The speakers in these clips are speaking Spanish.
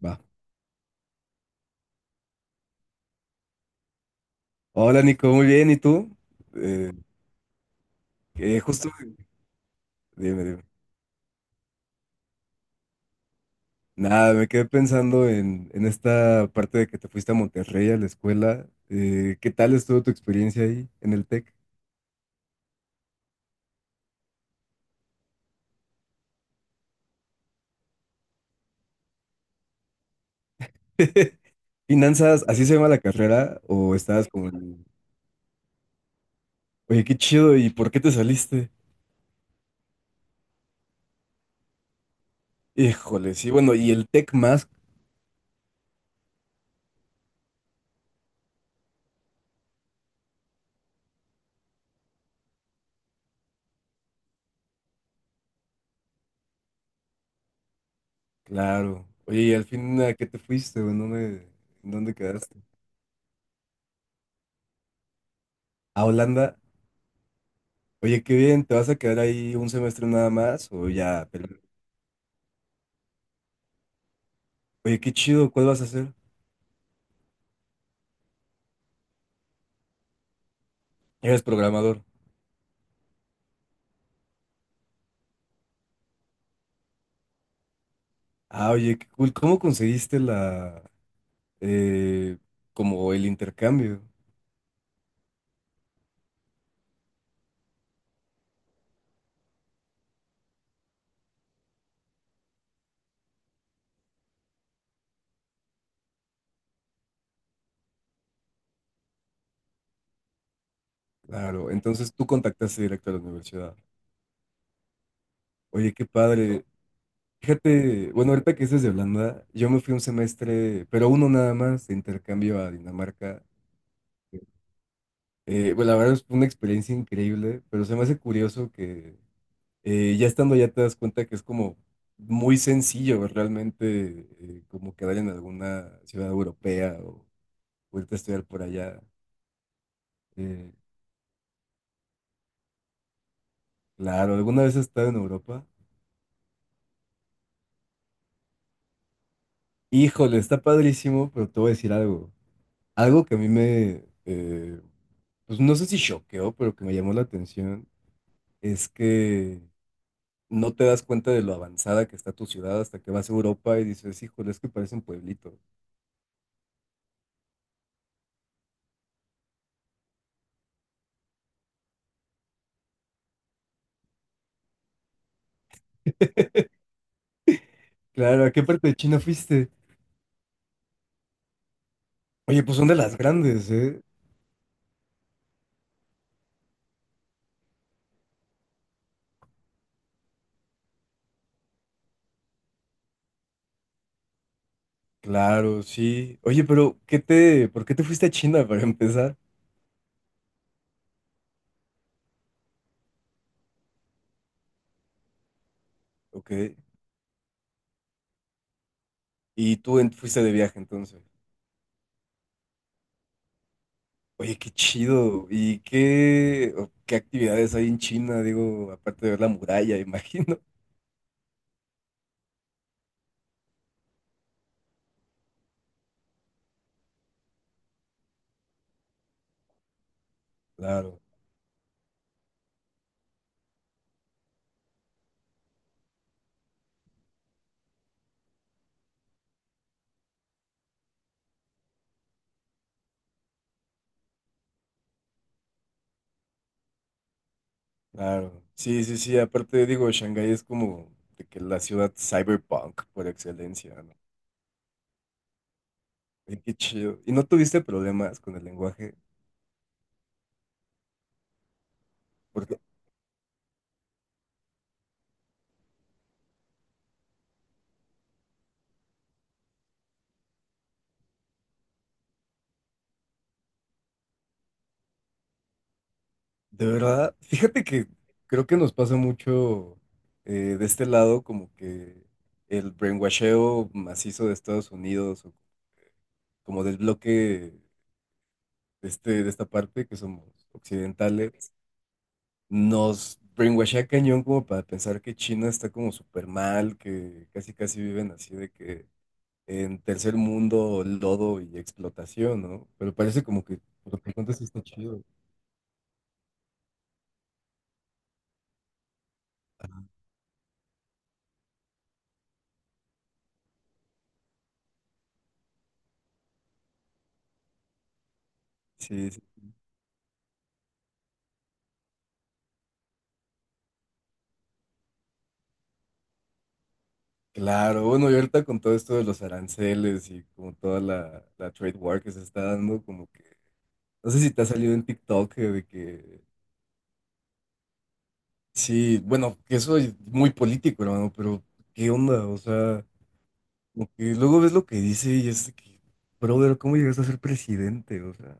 Va. Hola Nico, muy bien, ¿y tú? Eh, que justo, dime, dime. Nada, me quedé pensando en esta parte de que te fuiste a Monterrey a la escuela. ¿Qué tal estuvo tu experiencia ahí en el TEC? ¿Finanzas, así se llama la carrera? ¿O estabas como? Oye, qué chido, ¿y por qué te saliste? Híjole, sí, bueno, ¿y el TEC más? Claro. Oye, ¿y al fin a qué te fuiste? ¿O ¿En dónde quedaste? ¿A Holanda? Oye, qué bien, ¿te vas a quedar ahí un semestre nada más o ya? Oye, qué chido, ¿cuál vas a hacer? ¿Eres programador? Ah, oye, qué cool. ¿Cómo conseguiste eh, como el intercambio? Claro, entonces tú contactaste directo a la universidad. Oye, qué padre. Fíjate, bueno, ahorita que dices de Holanda, yo me fui un semestre, pero uno nada más, de intercambio a Dinamarca. Bueno, la verdad es una experiencia increíble, pero se me hace curioso que ya estando ya te das cuenta que es como muy sencillo realmente como quedar en alguna ciudad europea o irte a estudiar por allá. Eh, claro, ¿alguna vez has estado en Europa? Híjole, está padrísimo, pero te voy a decir algo. Algo que a mí me, pues no sé si choqueó, pero que me llamó la atención, es que no te das cuenta de lo avanzada que está tu ciudad hasta que vas a Europa y dices, híjole, es que parece un pueblito. Claro, ¿a qué parte de China fuiste? Oye, pues son de las grandes, ¿eh? Claro, sí. Oye, pero por qué te fuiste a China para empezar? Ok. Y tú fuiste de viaje entonces. Oye, qué chido. ¿Y qué actividades hay en China? Digo, aparte de ver la muralla, imagino. Claro, claro. Sí, sí, sí. Aparte, digo, Shanghái es como de que la ciudad cyberpunk por excelencia, ¿no? Oye, qué chido. ¿Y no tuviste problemas con el lenguaje? De verdad, fíjate que creo que nos pasa mucho de este lado, como que el brainwasheo macizo de Estados Unidos, o como del bloque de esta parte, que somos occidentales, nos brainwashea cañón como para pensar que China está como súper mal, que casi casi viven así de que en tercer mundo, lodo y explotación, ¿no? Pero parece como que por lo que cuentas sí está chido. Sí, sí. Claro, bueno, y ahorita con todo esto de los aranceles y como toda la trade war que se está dando, como que, no sé si te ha salido en TikTok de que, sí, bueno, que eso es muy político, hermano, pero ¿qué onda? O sea, como que luego ves lo que dice y es de que, brother, ¿cómo llegas a ser presidente? O sea,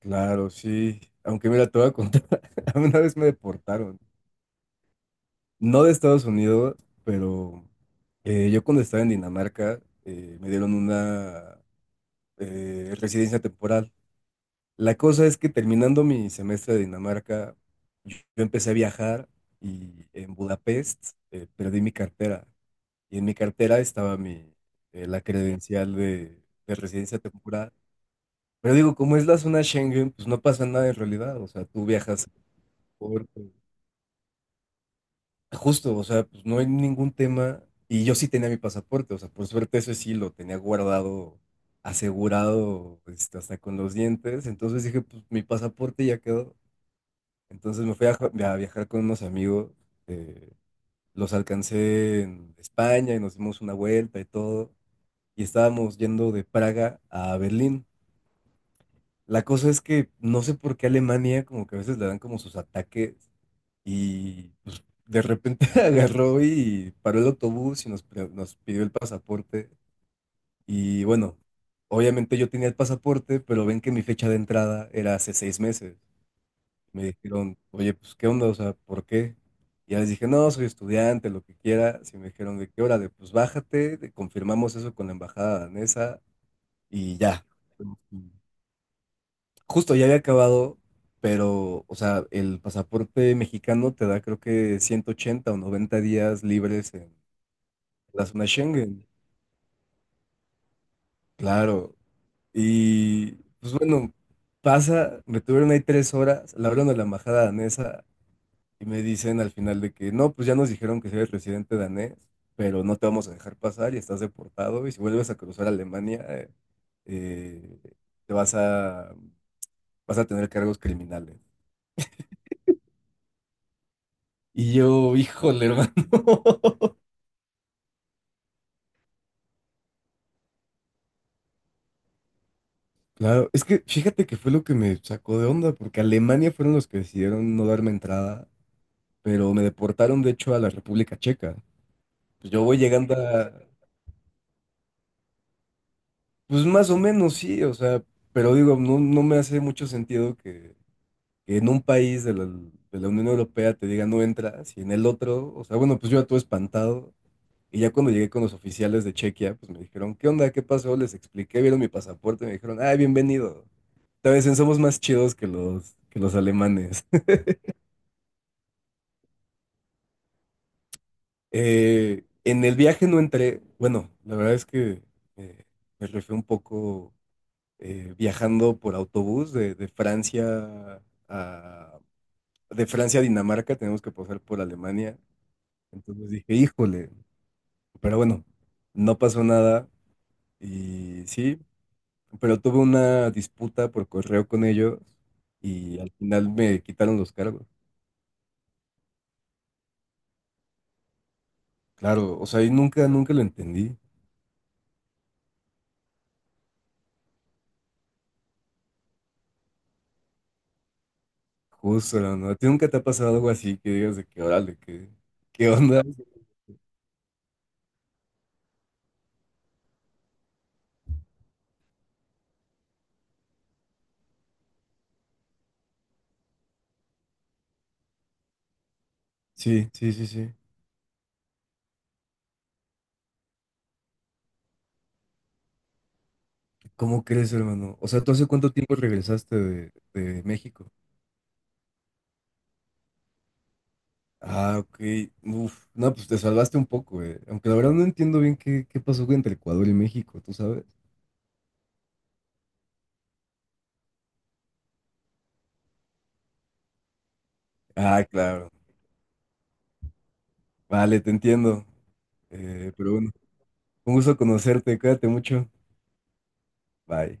claro, sí, aunque mira, te voy a contar, a mí una vez me deportaron, no de Estados Unidos, pero. Yo cuando estaba en Dinamarca, me dieron una residencia temporal. La cosa es que terminando mi semestre de Dinamarca, yo empecé a viajar y en Budapest perdí mi cartera. Y en mi cartera estaba la credencial de residencia temporal. Pero digo, como es la zona Schengen, pues no pasa nada en realidad. O sea, tú viajas por Justo, o sea, pues no hay ningún tema. Y yo sí tenía mi pasaporte, o sea, por suerte eso sí lo tenía guardado, asegurado, este, hasta con los dientes. Entonces dije, pues mi pasaporte ya quedó. Entonces me fui a viajar con unos amigos, eh, los alcancé en España y nos dimos una vuelta y todo. Y estábamos yendo de Praga a Berlín. La cosa es que no sé por qué Alemania como que a veces le dan como sus ataques. Y pues, de repente agarró y paró el autobús y nos pidió el pasaporte. Y bueno, obviamente yo tenía el pasaporte, pero ven que mi fecha de entrada era hace 6 meses. Me dijeron, oye, pues, ¿qué onda? O sea, ¿por qué? Y ya les dije, no, soy estudiante, lo que quiera. Y me dijeron, ¿de qué hora? De, pues, bájate, confirmamos eso con la embajada danesa y ya. Justo ya había acabado, pero, o sea, el pasaporte mexicano te da creo que 180 o 90 días libres en la zona Schengen. Claro. Y, pues bueno, pasa, me tuvieron ahí 3 horas, la hablan a la embajada danesa y me dicen al final de que, no, pues ya nos dijeron que si eres residente danés, pero no te vamos a dejar pasar y estás deportado y si vuelves a cruzar Alemania, eh, te vas a, vas a tener cargos criminales. Y yo, híjole, hermano. Claro, es que fíjate que fue lo que me sacó de onda, porque Alemania fueron los que decidieron no darme entrada, pero me deportaron de hecho a la República Checa. Pues yo voy llegando pues más o menos, sí, o sea, pero digo, no, no me hace mucho sentido que en un país de la Unión Europea te diga no entras y en el otro, o sea, bueno, pues yo ya todo espantado. Y ya cuando llegué con los oficiales de Chequia, pues me dijeron, ¿qué onda? ¿Qué pasó? Les expliqué, vieron mi pasaporte, me dijeron, ah, bienvenido. Te dicen, somos más chidos que los alemanes. En el viaje no entré, bueno, la verdad es que eh, me refiero un poco viajando por autobús de Francia a Dinamarca, tenemos que pasar por Alemania. Entonces dije, híjole, pero bueno, no pasó nada y sí, pero tuve una disputa por correo con ellos y al final me quitaron los cargos. Claro, o sea, y nunca, nunca lo entendí. Justo, ¿no? ¿A ti nunca te ha pasado algo así que digas de que, órale, qué, onda? Sí, sí, sí, sí. ¿Cómo crees, hermano? O sea, ¿tú hace cuánto tiempo regresaste de México? Ah, ok. Uf, no, pues te salvaste un poco, eh. Aunque la verdad no entiendo bien qué, pasó entre Ecuador y México, ¿tú sabes? Ah, claro. Vale, te entiendo. Pero bueno, un gusto conocerte. Cuídate mucho. Bye.